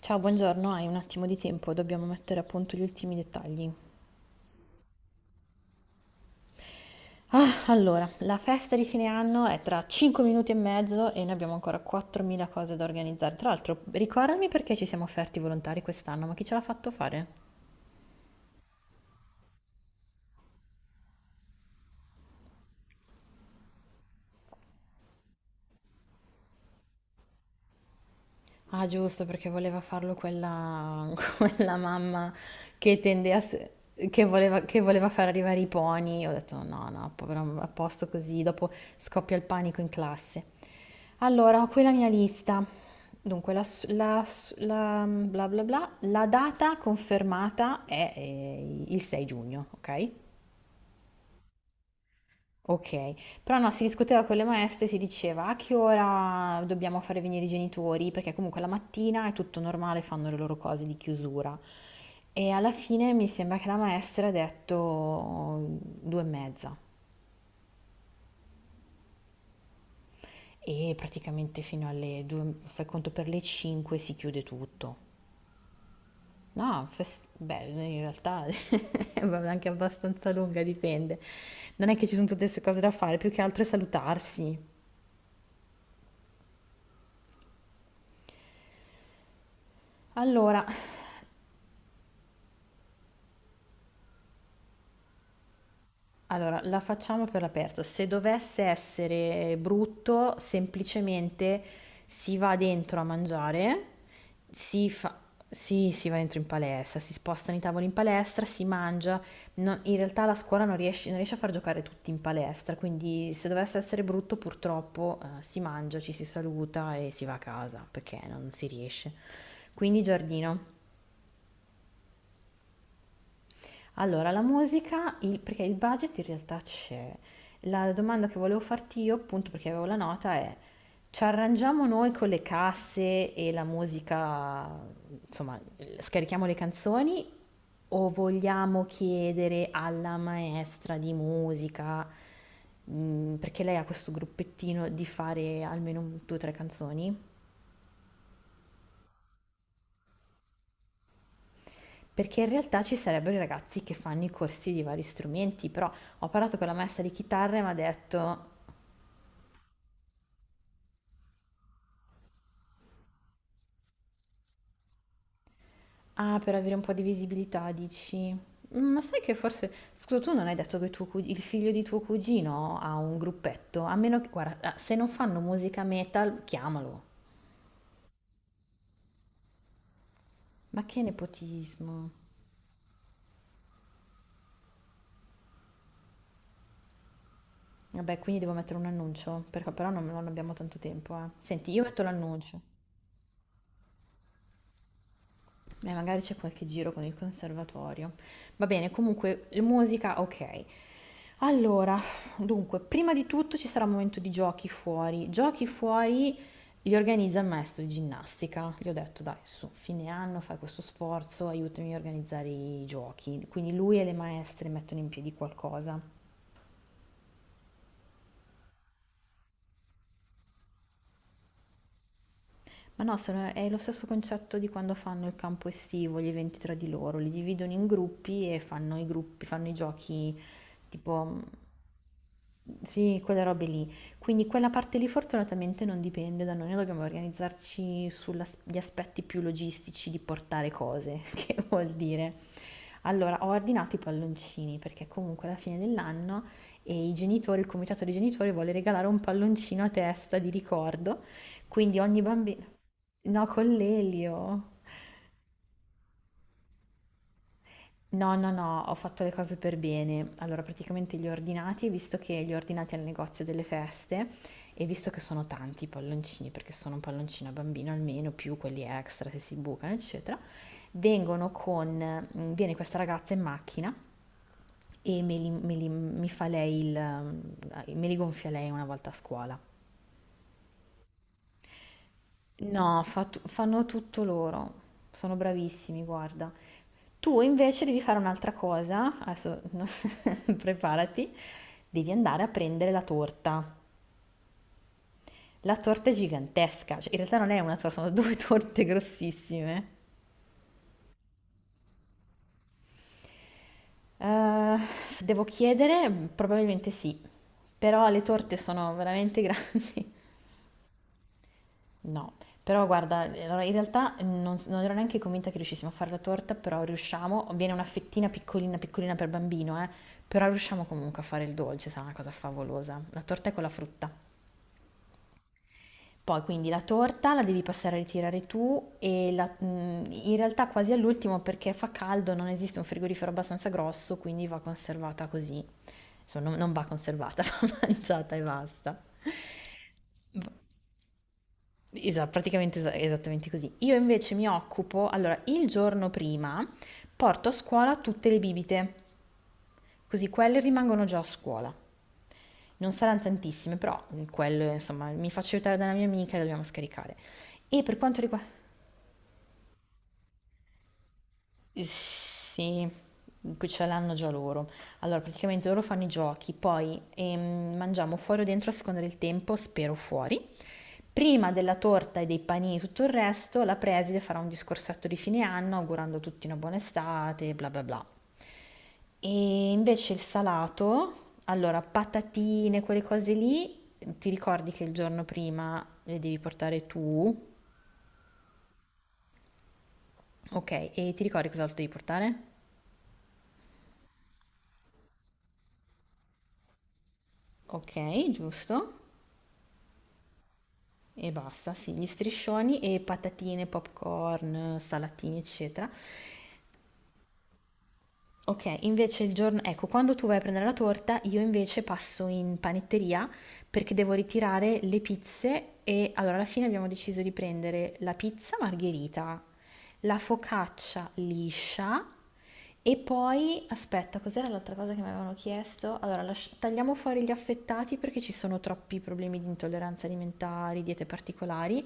Ciao, buongiorno, hai un attimo di tempo, dobbiamo mettere a punto gli ultimi dettagli. Allora, la festa di fine anno è tra 5 minuti e mezzo e noi abbiamo ancora 4.000 cose da organizzare. Tra l'altro, ricordami perché ci siamo offerti volontari quest'anno, ma chi ce l'ha fatto fare? Ah, giusto, perché voleva farlo quella, quella mamma che tende a s- che voleva far arrivare i pony. Ho detto no, no, povero, a posto così, dopo scoppia il panico in classe. Allora, ho qui la mia lista. Dunque, la, s- la s- la- bla bla bla, la data confermata è il 6 giugno, ok? Ok, però no, si discuteva con le maestre, si diceva a che ora dobbiamo fare venire i genitori, perché comunque la mattina è tutto normale, fanno le loro cose di chiusura. E alla fine mi sembra che la maestra ha detto due e mezza e praticamente fino alle due, fai conto per le cinque si chiude tutto. No, fes- beh, in realtà è anche abbastanza lunga, dipende. Non è che ci sono tutte queste cose da fare, più che altro è salutarsi. Allora, Allora, la facciamo per l'aperto. Se dovesse essere brutto, semplicemente si va dentro a mangiare, si fa... sì, si va dentro in palestra, si spostano i tavoli in palestra, si mangia. In realtà la scuola non riesce, non riesce a far giocare tutti in palestra, quindi se dovesse essere brutto, purtroppo, si mangia, ci si saluta e si va a casa, perché non si riesce. Quindi giardino. Allora, la musica, perché il budget in realtà c'è. La domanda che volevo farti io, appunto perché avevo la nota, è ci arrangiamo noi con le casse e la musica, insomma, scarichiamo le canzoni o vogliamo chiedere alla maestra di musica, perché lei ha questo gruppettino, di fare almeno due o tre canzoni? Perché in realtà ci sarebbero i ragazzi che fanno i corsi di vari strumenti, però... Ho parlato con la maestra di chitarra e mi ha detto. Ah, per avere un po' di visibilità, dici? Ma sai che forse... Scusa, tu non hai detto che tuo cug- il figlio di tuo cugino ha un gruppetto? Guarda, se non fanno musica metal, chiamalo. Ma che nepotismo. Vabbè, quindi devo mettere un annuncio, perché però non, non abbiamo tanto tempo, eh. Senti, io metto l'annuncio. Beh, magari c'è qualche giro con il conservatorio. Va bene, comunque, musica, ok. Allora, dunque, prima di tutto ci sarà un momento di giochi fuori. Giochi fuori li organizza il maestro di ginnastica. Gli ho detto, dai, su, fine anno fai questo sforzo, aiutami a organizzare i giochi. Quindi lui e le maestre mettono in piedi qualcosa. Ma no, è lo stesso concetto di quando fanno il campo estivo, gli eventi tra di loro. Li dividono in gruppi e fanno i gruppi, fanno i giochi tipo. Sì, quelle robe lì. Quindi quella parte lì fortunatamente non dipende da noi, noi dobbiamo organizzarci sugli aspetti più logistici di portare cose, che vuol dire. Allora, ho ordinato i palloncini perché comunque alla fine dell'anno e i genitori, il comitato dei genitori vuole regalare un palloncino a testa di ricordo, quindi ogni bambino... No, con l'elio. No, no, no, ho fatto le cose per bene. Allora, praticamente li ho ordinati, visto che li ho ordinati al negozio delle feste e visto che sono tanti i palloncini, perché sono un palloncino a bambino almeno, più quelli extra se si bucano, eccetera, vengono con, mm, viene questa ragazza in macchina e me li- mi fa lei il, mm, me li gonfia lei una volta a scuola. No, fanno tutto loro. Sono bravissimi, guarda. Tu invece devi fare un'altra cosa. Adesso preparati. Devi andare a prendere la torta. La torta è gigantesca. Cioè, in realtà non è una torta, sono due torte grossissime. Eh, devo chiedere? Probabilmente sì. Però le torte sono veramente grandi. No, però guarda, allora in realtà non ero neanche convinta che riuscissimo a fare la torta, però riusciamo, viene una fettina piccolina piccolina per bambino, però riusciamo comunque a fare il dolce, sarà una cosa favolosa. La torta è con la frutta. Poi quindi la torta la devi passare a ritirare tu e in realtà quasi all'ultimo perché fa caldo, non esiste un frigorifero abbastanza grosso, quindi va conservata così. Insomma, non va conservata, va mangiata e basta. Esatto, praticamente esattamente così. Io invece mi occupo, allora, il giorno prima porto a scuola tutte le bibite, così quelle rimangono già a scuola. Non saranno tantissime, però quelle, insomma, mi faccio aiutare da una mia amica e le dobbiamo scaricare. E per quanto riguarda... Sì, qui ce l'hanno già loro. Allora, praticamente loro fanno i giochi, poi mangiamo fuori o dentro a seconda del tempo, spero fuori. Prima della torta e dei panini e tutto il resto, la preside farà un discorsetto di fine anno augurando a tutti una buona estate, bla bla bla. E invece il salato, allora patatine, quelle cose lì, ti ricordi che il giorno prima le devi portare tu, ok, e ti ricordi cos'altro devi portare? Ok, giusto. E basta, sì, gli striscioni e patatine, popcorn, salatini, eccetera. Ok, invece il giorno, ecco, quando tu vai a prendere la torta, io invece passo in panetteria perché devo ritirare le pizze e allora alla fine abbiamo deciso di prendere la pizza margherita, la focaccia liscia e poi, aspetta, cos'era l'altra cosa che mi avevano chiesto? Allora, tagliamo fuori gli affettati perché ci sono troppi problemi di intolleranza alimentari, diete particolari,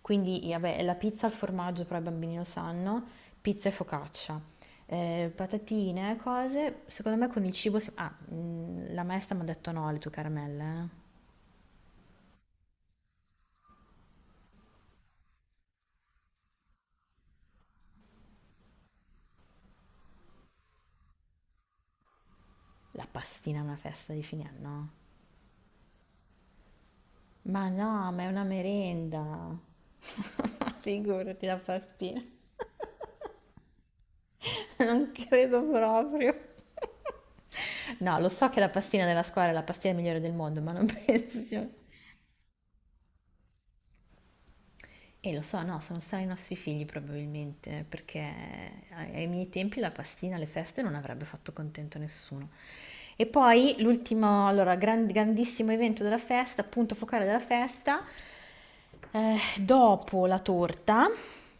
quindi vabbè, la pizza al formaggio, però i bambini lo sanno, pizza e focaccia patatine, cose. Secondo me con il cibo si... Ah, la maestra mi ha detto no alle tue caramelle, eh. La pastina è una festa di fine anno. Ma no, ma è una merenda. Figurati la pastina. Non credo proprio. No, lo so che la pastina della scuola è la pastina migliore del mondo, ma non penso. E lo so, no, sono stati i nostri figli probabilmente, perché ai miei tempi la pastina alle feste non avrebbe fatto contento nessuno. E poi l'ultimo, allora, grandissimo evento della festa, punto focale della festa, dopo la torta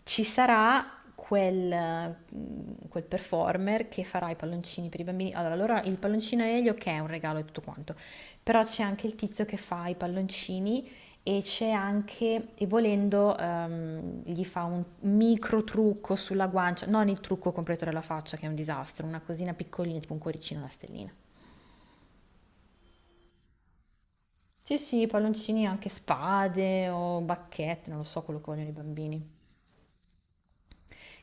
ci sarà quel performer che farà i palloncini per i bambini. Allora, allora il palloncino a Elio che è un regalo e tutto quanto, però c'è anche il tizio che fa i palloncini e c'è anche, e volendo, gli fa un micro trucco sulla guancia, non il trucco completo della faccia che è un disastro, una cosina piccolina, tipo un cuoricino, una stellina. Sì, sì, palloncini anche spade o bacchette, non lo so quello che vogliono i bambini.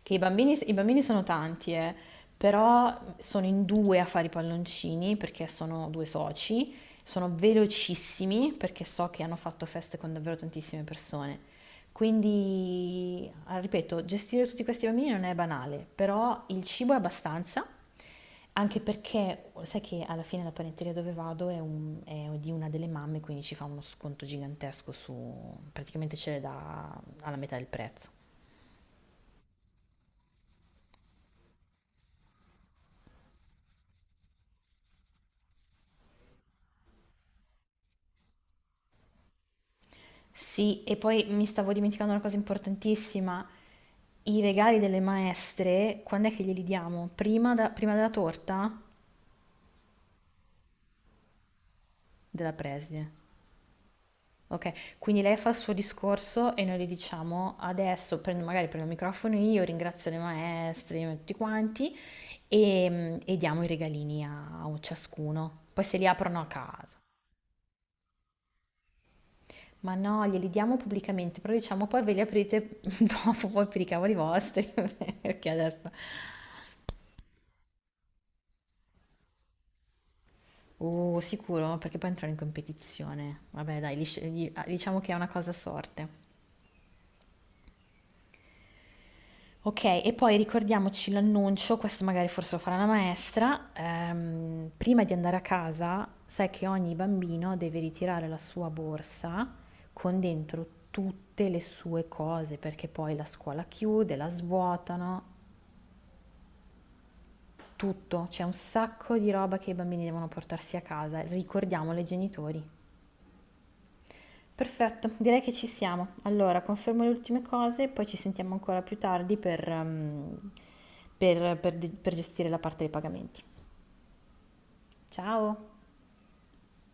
Che i bambini sono tanti, però sono in due a fare i palloncini perché sono due soci, sono velocissimi perché so che hanno fatto feste con davvero tantissime persone. Quindi, ah, ripeto, gestire tutti questi bambini non è banale, però il cibo è abbastanza, anche perché sai che alla fine la panetteria dove vado è, è di una delle mamme, quindi ci fa uno sconto gigantesco su, praticamente ce l'è da alla metà del prezzo. Sì, e poi mi stavo dimenticando una cosa importantissima. I regali delle maestre, quando è che glieli diamo? Prima, prima della torta? Della preside. Ok, quindi lei fa il suo discorso e noi gli diciamo adesso, prendo, magari prendo il microfono io, ringrazio le maestre, tutti quanti, e diamo i regalini a, a ciascuno. Poi se li aprono a casa. Ma no, glieli diamo pubblicamente, però diciamo poi ve li aprite dopo, poi per i cavoli vostri. Perché adesso... sicuro, perché poi entrano in competizione. Vabbè, dai, li sc- gli- ah, diciamo che è una cosa a sorte. Ok, e poi ricordiamoci l'annuncio, questo magari forse lo farà la maestra, prima di andare a casa, sai che ogni bambino deve ritirare la sua borsa con dentro tutte le sue cose, perché poi la scuola chiude, la svuotano, tutto. C'è un sacco di roba che i bambini devono portarsi a casa. Ricordiamolo ai genitori. Perfetto, direi che ci siamo. Allora, confermo le ultime cose e poi ci sentiamo ancora più tardi per, per gestire la parte dei pagamenti. Ciao!